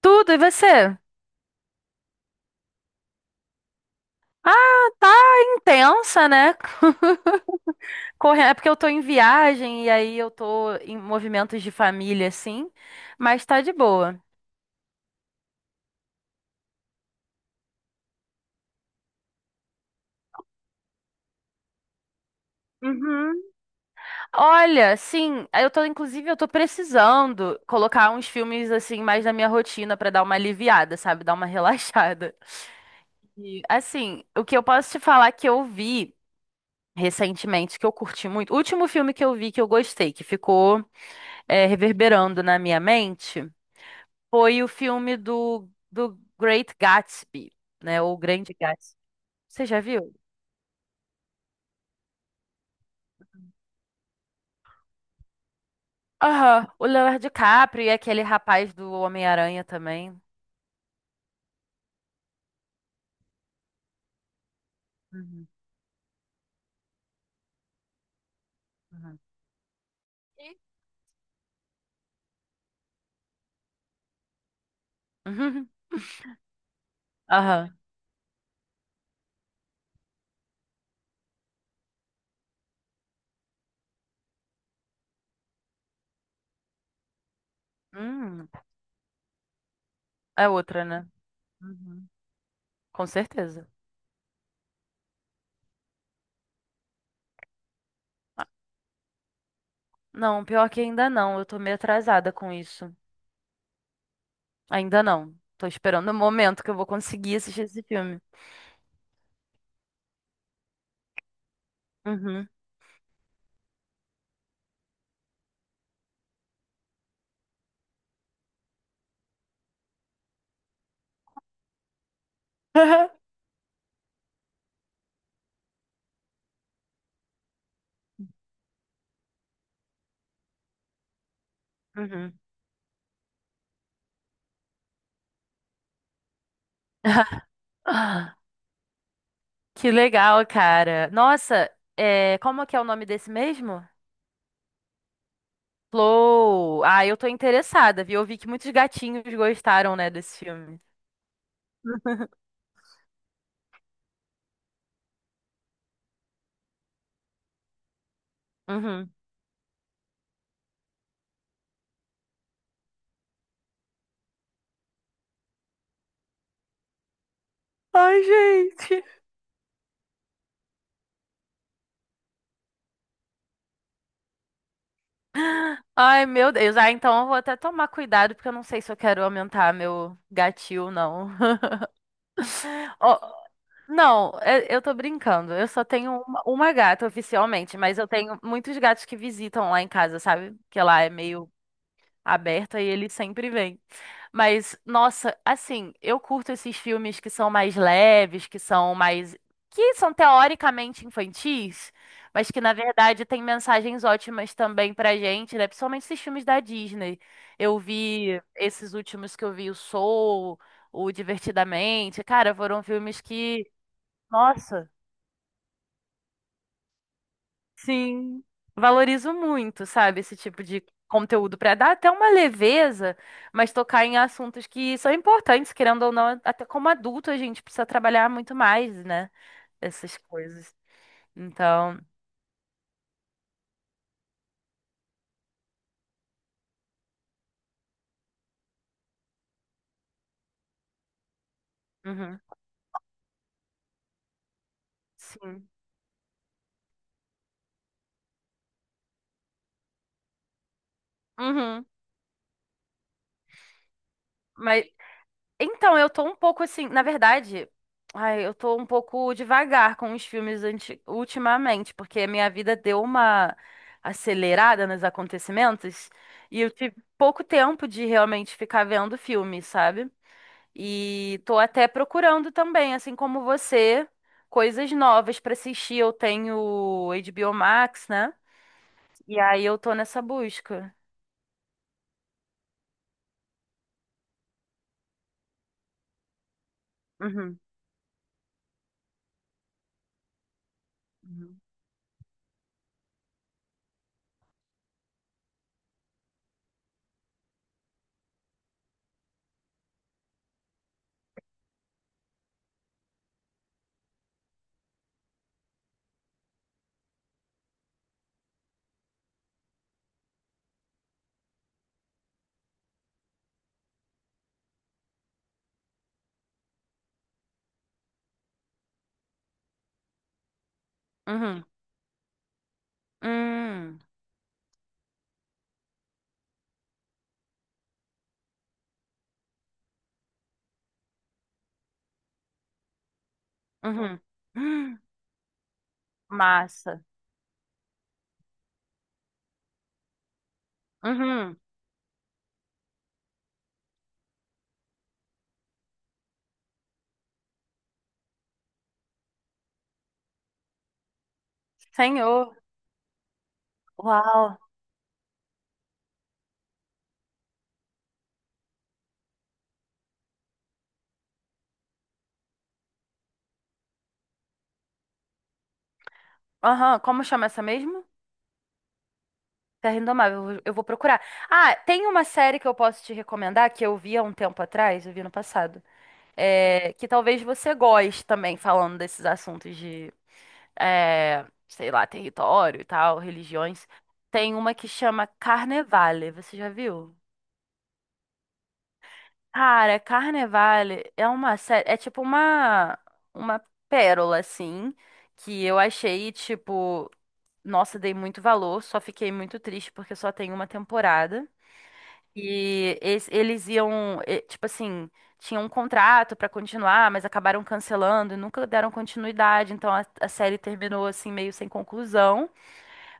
Tudo, e você? Ah, tá intensa, né? Correndo, é porque eu tô em viagem e aí eu tô em movimentos de família, assim, mas tá de boa. Uhum. Olha, sim, eu tô, inclusive, eu tô precisando colocar uns filmes, assim, mais na minha rotina pra dar uma aliviada, sabe? Dar uma relaxada. E, assim, o que eu posso te falar que eu vi recentemente, que eu curti muito, o último filme que eu vi que eu gostei, que ficou, reverberando na minha mente. Foi o filme do Great Gatsby, né? Ou Grande Gatsby. Você já viu? Aham. O Leonardo DiCaprio e aquele rapaz do Homem-Aranha também. Uhum. Uhum. E- Uhum. Aham. Hum, é outra, né? Uhum. Com certeza. Não, pior que ainda não. Eu tô meio atrasada com isso. Ainda não. Tô esperando o momento que eu vou conseguir assistir esse filme. Uhum. Uhum. Que legal, cara. Nossa, é, como que é o nome desse mesmo? Flow. Ah, eu tô interessada, viu? Eu vi que muitos gatinhos gostaram, né, desse filme. Uhum. Ai, gente. Ai, meu Deus. Ah, então eu vou até tomar cuidado, porque eu não sei se eu quero aumentar meu gatil, ou não. Ó, não, é- eu tô brincando. Eu só tenho uma gata oficialmente, mas eu tenho muitos gatos que visitam lá em casa, sabe? Porque lá é meio aberta e ele sempre vem. Mas, nossa, assim, eu curto esses filmes que são mais leves, que são mais. Que são teoricamente infantis, mas que na verdade têm mensagens ótimas também pra gente, né? Principalmente esses filmes da Disney. Eu vi esses últimos que eu vi, o Soul, o Divertidamente. Cara, foram filmes que. Nossa. Sim, valorizo muito, sabe, esse tipo de conteúdo para dar até uma leveza, mas tocar em assuntos que são importantes, querendo ou não, até como adulto a gente precisa trabalhar muito mais, né? Essas coisas. Então, uhum, sim. Uhum. Mas então, eu tô um pouco assim, na verdade, ai, eu tô um pouco devagar com os filmes anti- ultimamente, porque a minha vida deu uma acelerada nos acontecimentos e eu tive pouco tempo de realmente ficar vendo filme, sabe? E tô até procurando também, assim como você, coisas novas pra assistir. Eu tenho HBO Max, né? E aí eu tô nessa busca. Uhum. Uhum. Uhum. Hum. Uhum. Hum. Massa. Uhum. Senhor. Uau. Aham. Como chama essa mesmo? Terra Indomável. Eu vou procurar. Ah, tem uma série que eu posso te recomendar que eu vi há um tempo atrás, eu vi no passado. É, que talvez você goste também, falando desses assuntos de, é, sei lá, território e tal, religiões. Tem uma que chama Carnevale. Você já viu? Cara, Carnevale é uma série, é tipo uma pérola assim, que eu achei tipo nossa, dei muito valor, só fiquei muito triste porque só tem uma temporada. E es- eles iam, eh, tipo assim, tinham um contrato pra continuar, mas acabaram cancelando e nunca deram continuidade. Então a série terminou assim meio sem conclusão.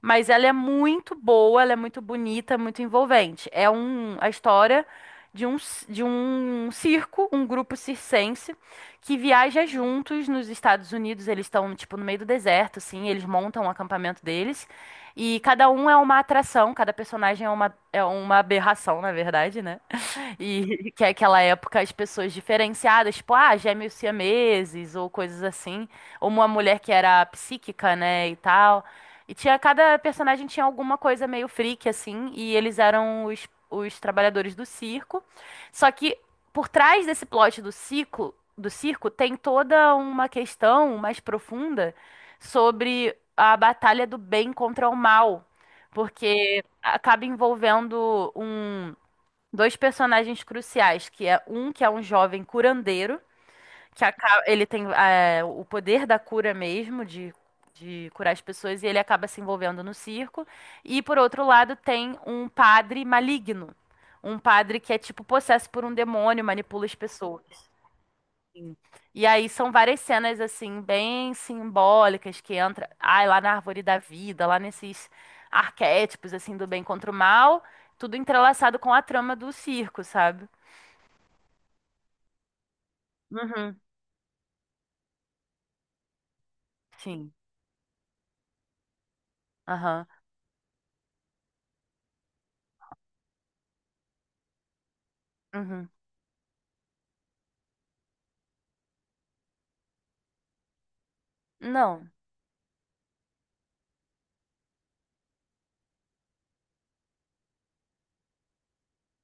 Mas ela é muito boa, ela é muito bonita, muito envolvente. É um, a história de um, c- de um circo, um grupo circense, que viaja juntos nos Estados Unidos. Eles estão, tipo, no meio do deserto, assim, eles montam o acampamento deles. E cada um é uma atração, cada personagem é uma aberração, na verdade, né? E que é aquela época as pessoas diferenciadas, tipo, ah, gêmeos siameses ou coisas assim, ou uma mulher que era psíquica, né, e tal. E tinha cada personagem tinha alguma coisa meio freak assim, e eles eram os trabalhadores do circo. Só que por trás desse plot do ciclo, do circo tem toda uma questão mais profunda sobre a batalha do bem contra o mal, porque acaba envolvendo um dois personagens cruciais, que é um jovem curandeiro, que aca- ele tem é, o poder da cura mesmo, de curar as pessoas, e ele acaba se envolvendo no circo. E por outro lado, tem um padre maligno. Um padre que é tipo possesso por um demônio, manipula as pessoas. E aí são várias cenas assim, bem simbólicas, que entra, ai, lá na árvore da vida, lá nesses arquétipos assim do bem contra o mal, tudo entrelaçado com a trama do circo, sabe? Uhum. Sim. Aham. Uhum. Não.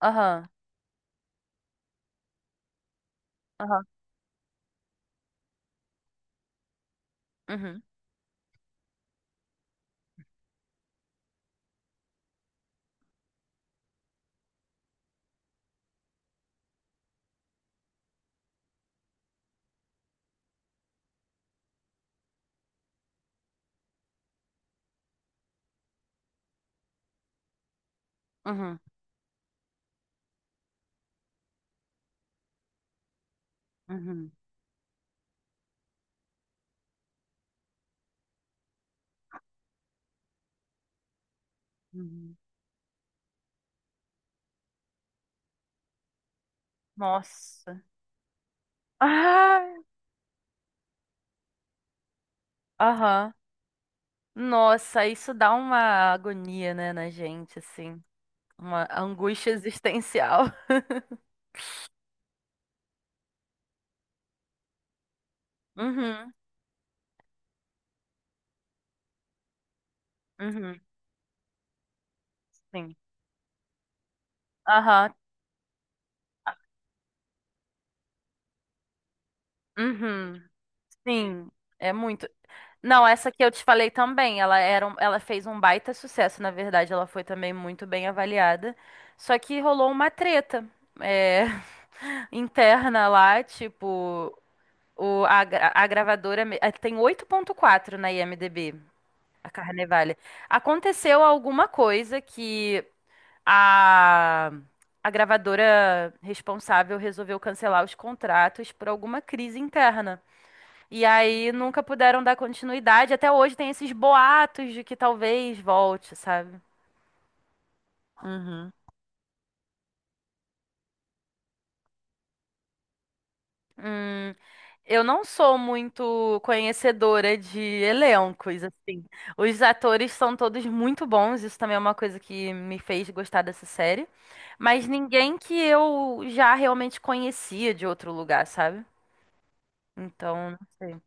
Aham. Aham. Uhum. Uhum. Uhum. Uhum. Nossa. Ah! Aham. Nossa, isso dá uma agonia, né, na gente, assim. Uma angústia existencial. Uhum. Uhum. Sim. Aham. Uhum. Sim. É muito não, essa que eu te falei também, ela era um- ela fez um baita sucesso, na verdade, ela foi também muito bem avaliada. Só que rolou uma treta é, interna lá, tipo, o, a, gra- a gravadora me- eh, tem 8.4 na IMDb, a Carnevale. Aconteceu alguma coisa que a, a gravadora responsável resolveu cancelar os contratos por alguma crise interna. E aí nunca puderam dar continuidade. Até hoje tem esses boatos de que talvez volte, sabe? Uhum. Hum, eu não sou muito conhecedora de elencos, assim. Os atores são todos muito bons, isso também é uma coisa que me fez gostar dessa série. Mas ninguém que eu já realmente conhecia de outro lugar, sabe? Então, não sei.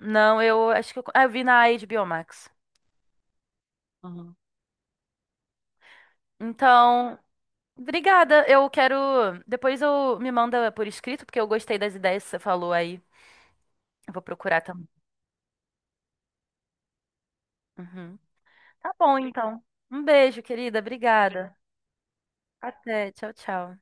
Não, eu acho que eu, ah, eu vi na HBO Max. Uhum. Então, obrigada. Eu quero. Depois eu me manda por escrito, porque eu gostei das ideias que você falou aí. Eu vou procurar também. Uhum. Tá bom, então. Um beijo, querida. Obrigada. Até. Tchau, tchau.